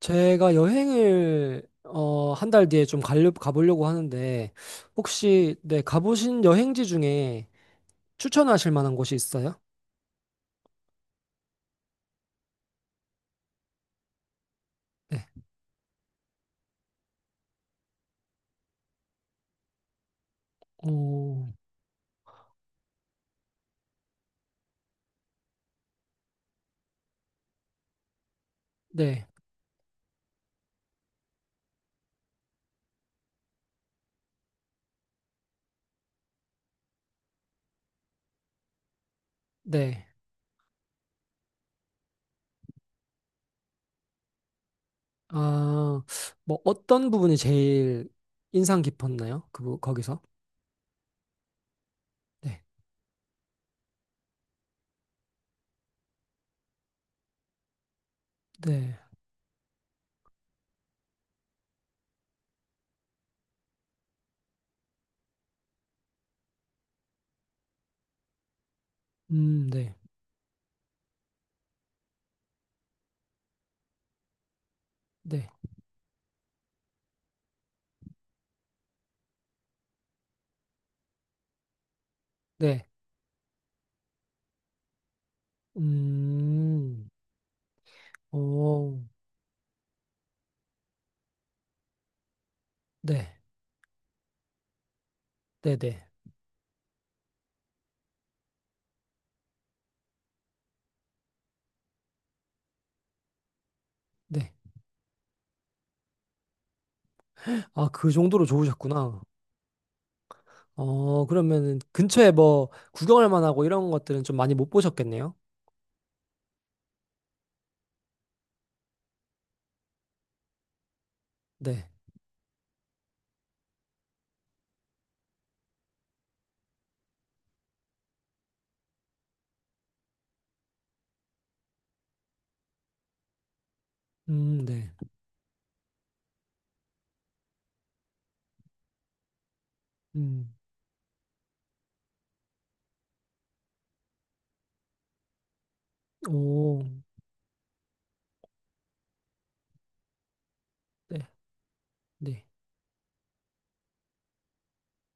제가 여행을 한 달 뒤에 좀 가보려고 하는데 혹시 네, 가보신 여행지 중에 추천하실 만한 곳이 있어요? 네. 오. 네. 네. 아, 뭐 어떤 부분이 제일 인상 깊었나요? 거기서? 네. 네. 네. 네. 네. 음. 오. 네. 네, 네. 네. 아, 그 정도로 좋으셨구나. 그러면은 근처에 뭐 구경할 만하고 이런 것들은 좀 많이 못 보셨겠네요. 네. 네. 음. 오, 네. 네.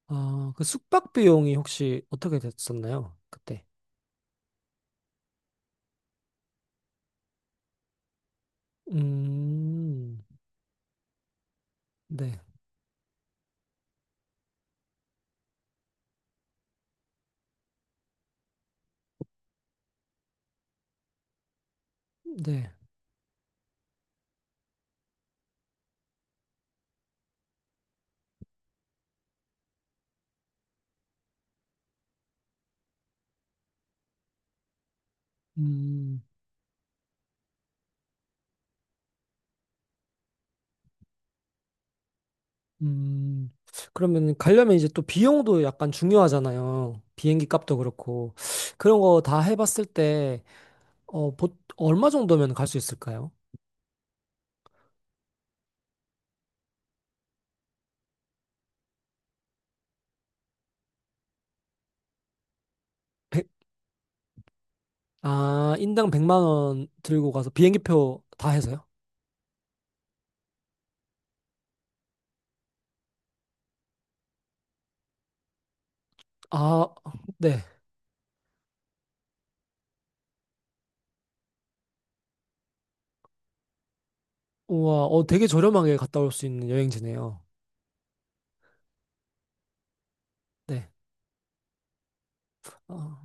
아, 그 숙박 비용이 혹시 어떻게 됐었나요? 그때. 음. 네. 네. 음. 음. 그러면 가려면 이제 또 비용도 약간 중요하잖아요. 비행기 값도 그렇고. 그런 거 다 해봤을 때, 어, 보, 얼마 정도면 갈 수 있을까요? 아, 인당 100만 원 들고 가서 비행기표 다 해서요? 아, 네. 우와, 어, 되게 저렴하게 갔다 올 수 있는 여행지네요. 네. 어,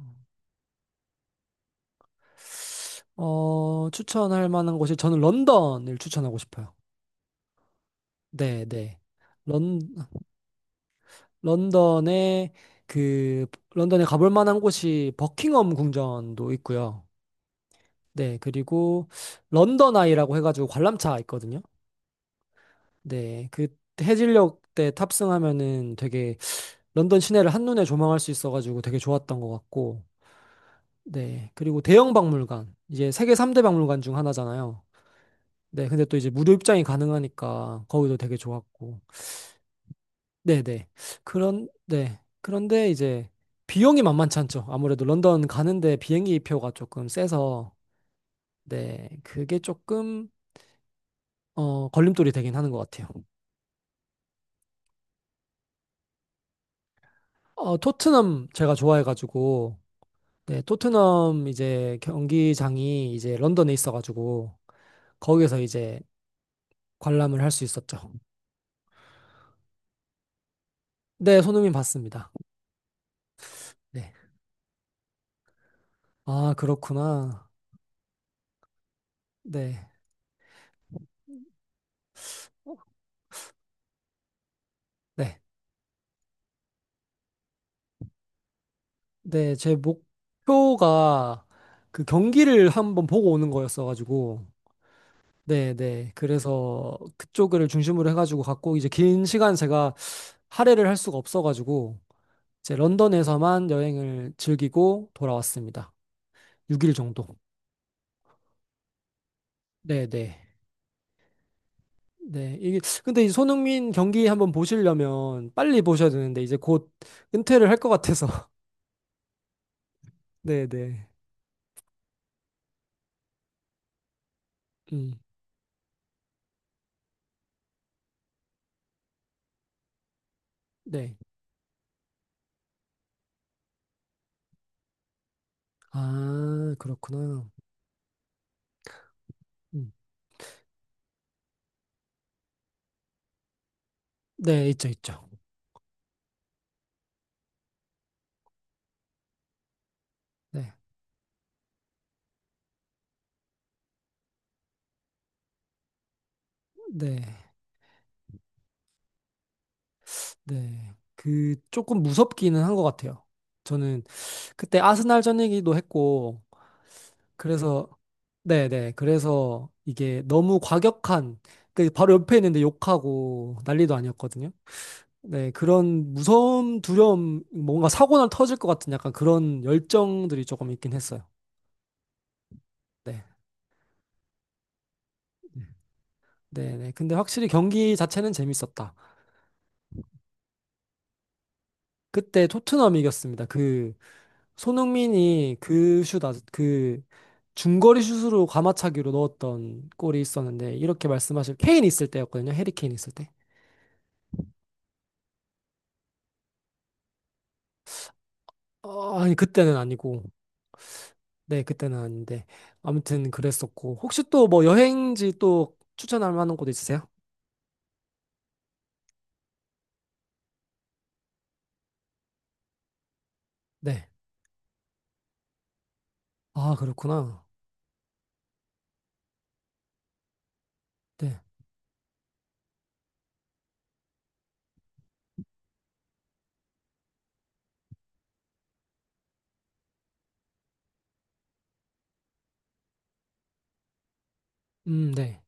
추천할 만한 곳이 저는 런던을 추천하고 싶어요. 네, 네. 런, 런던에 그 런던에 가볼 만한 곳이 버킹엄 궁전도 있고요. 네, 그리고 런던 아이라고 해가지고 관람차 있거든요. 네, 그 해질녘 때 탑승하면은 되게 런던 시내를 한눈에 조망할 수 있어가지고 되게 좋았던 것 같고, 네. 그리고 대형 박물관, 이제 세계 3대 박물관 중 하나잖아요. 네. 근데 또 이제 무료 입장이 가능하니까 거기도 되게 좋았고, 네네. 네. 그런데 이제 비용이 만만치 않죠. 아무래도 런던 가는데 비행기 표가 조금 세서, 네. 그게 조금, 어, 걸림돌이 되긴 하는 것 같아요. 어, 토트넘 제가 좋아해가지고, 네, 토트넘 이제 경기장이 이제 런던에 있어가지고, 거기서 이제 관람을 할 수 있었죠. 네, 손흥민 봤습니다. 네. 아, 그렇구나. 네. 네. 네, 제 목표가 그 경기를 한번 보고 오는 거였어가지고. 네, 네. 그래서 그쪽을 중심으로 해가지고 갔고, 이제 긴 시간 제가 할애를 할 수가 없어가지고, 이제 런던에서만 여행을 즐기고 돌아왔습니다. 6일 정도. 네, 네. 네, 이게 근데 이 손흥민 경기 한번 보시려면 빨리 보셔야 되는데 이제 곧 은퇴를 할 것 같아서. 네, 네. 음. 네. 아, 그렇구나. 음. 네, 있죠, 있죠. 네. 네. 네. 그 조금 무섭기는 한 것 같아요. 저는 그때 아스날전이기도 했고 그래서 네, 네. 그래서 이게 너무 과격한 그 바로 옆에 있는데 욕하고 난리도 아니었거든요. 네, 그런 무서움, 두려움, 뭔가 사고날 터질 것 같은 약간 그런 열정들이 조금 있긴 했어요. 네, 네, 네. 근데 확실히 경기 자체는 재밌었다. 그때 토트넘이 이겼습니다. 그 손흥민이 그 중거리 슛으로 가마차기로 넣었던 골이 있었는데 이렇게 말씀하실 케인 있을 때였거든요. 해리 케인 있을 때. 어, 아니 그때는 아니고, 네, 그때는 아닌데 아무튼 그랬었고 혹시 또 뭐 여행지 또 추천할 만한 곳 있으세요? 네. 아, 그렇구나. 네. 네.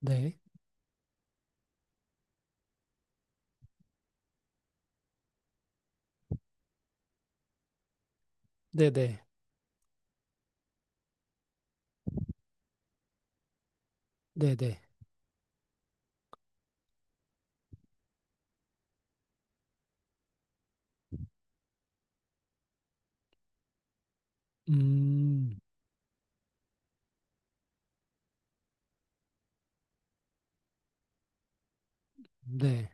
네. 네네. 네네. 음, 네.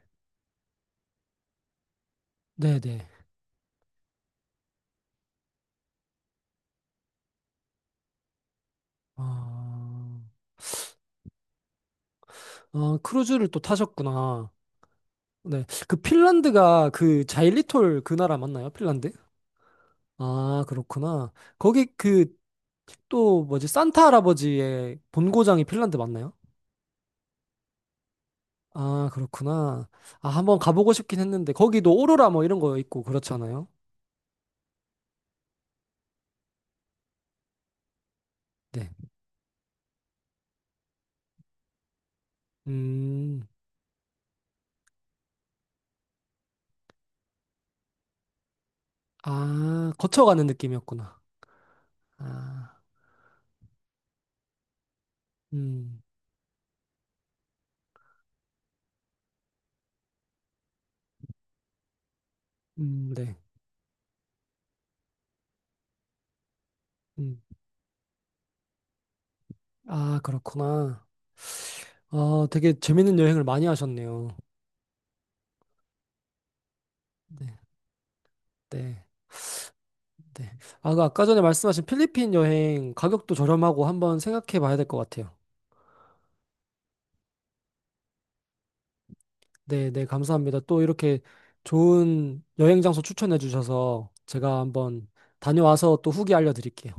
네네. 아, 아, 크루즈를 또 타셨구나. 네. 그 핀란드가 그 자일리톨 그 나라 맞나요? 핀란드? 아, 그렇구나. 거기 그 또 뭐지? 산타 할아버지의 본고장이 핀란드 맞나요? 아, 그렇구나. 아, 한번 가보고 싶긴 했는데 거기도 오로라 뭐 이런 거 있고 그렇잖아요. 네. 음. 아, 거쳐가는 느낌이었구나. 아. 음, 네. 음. 아, 그렇구나. 아, 되게 재밌는 여행을 많이 하셨네요. 네, 네, 네. 아, 그 아까 전에 말씀하신 필리핀 여행 가격도 저렴하고 한번 생각해 봐야 될 것 같아요. 네, 네, 감사합니다. 또 이렇게 좋은 여행 장소 추천해 주셔서 제가 한번 다녀와서 또 후기 알려드릴게요.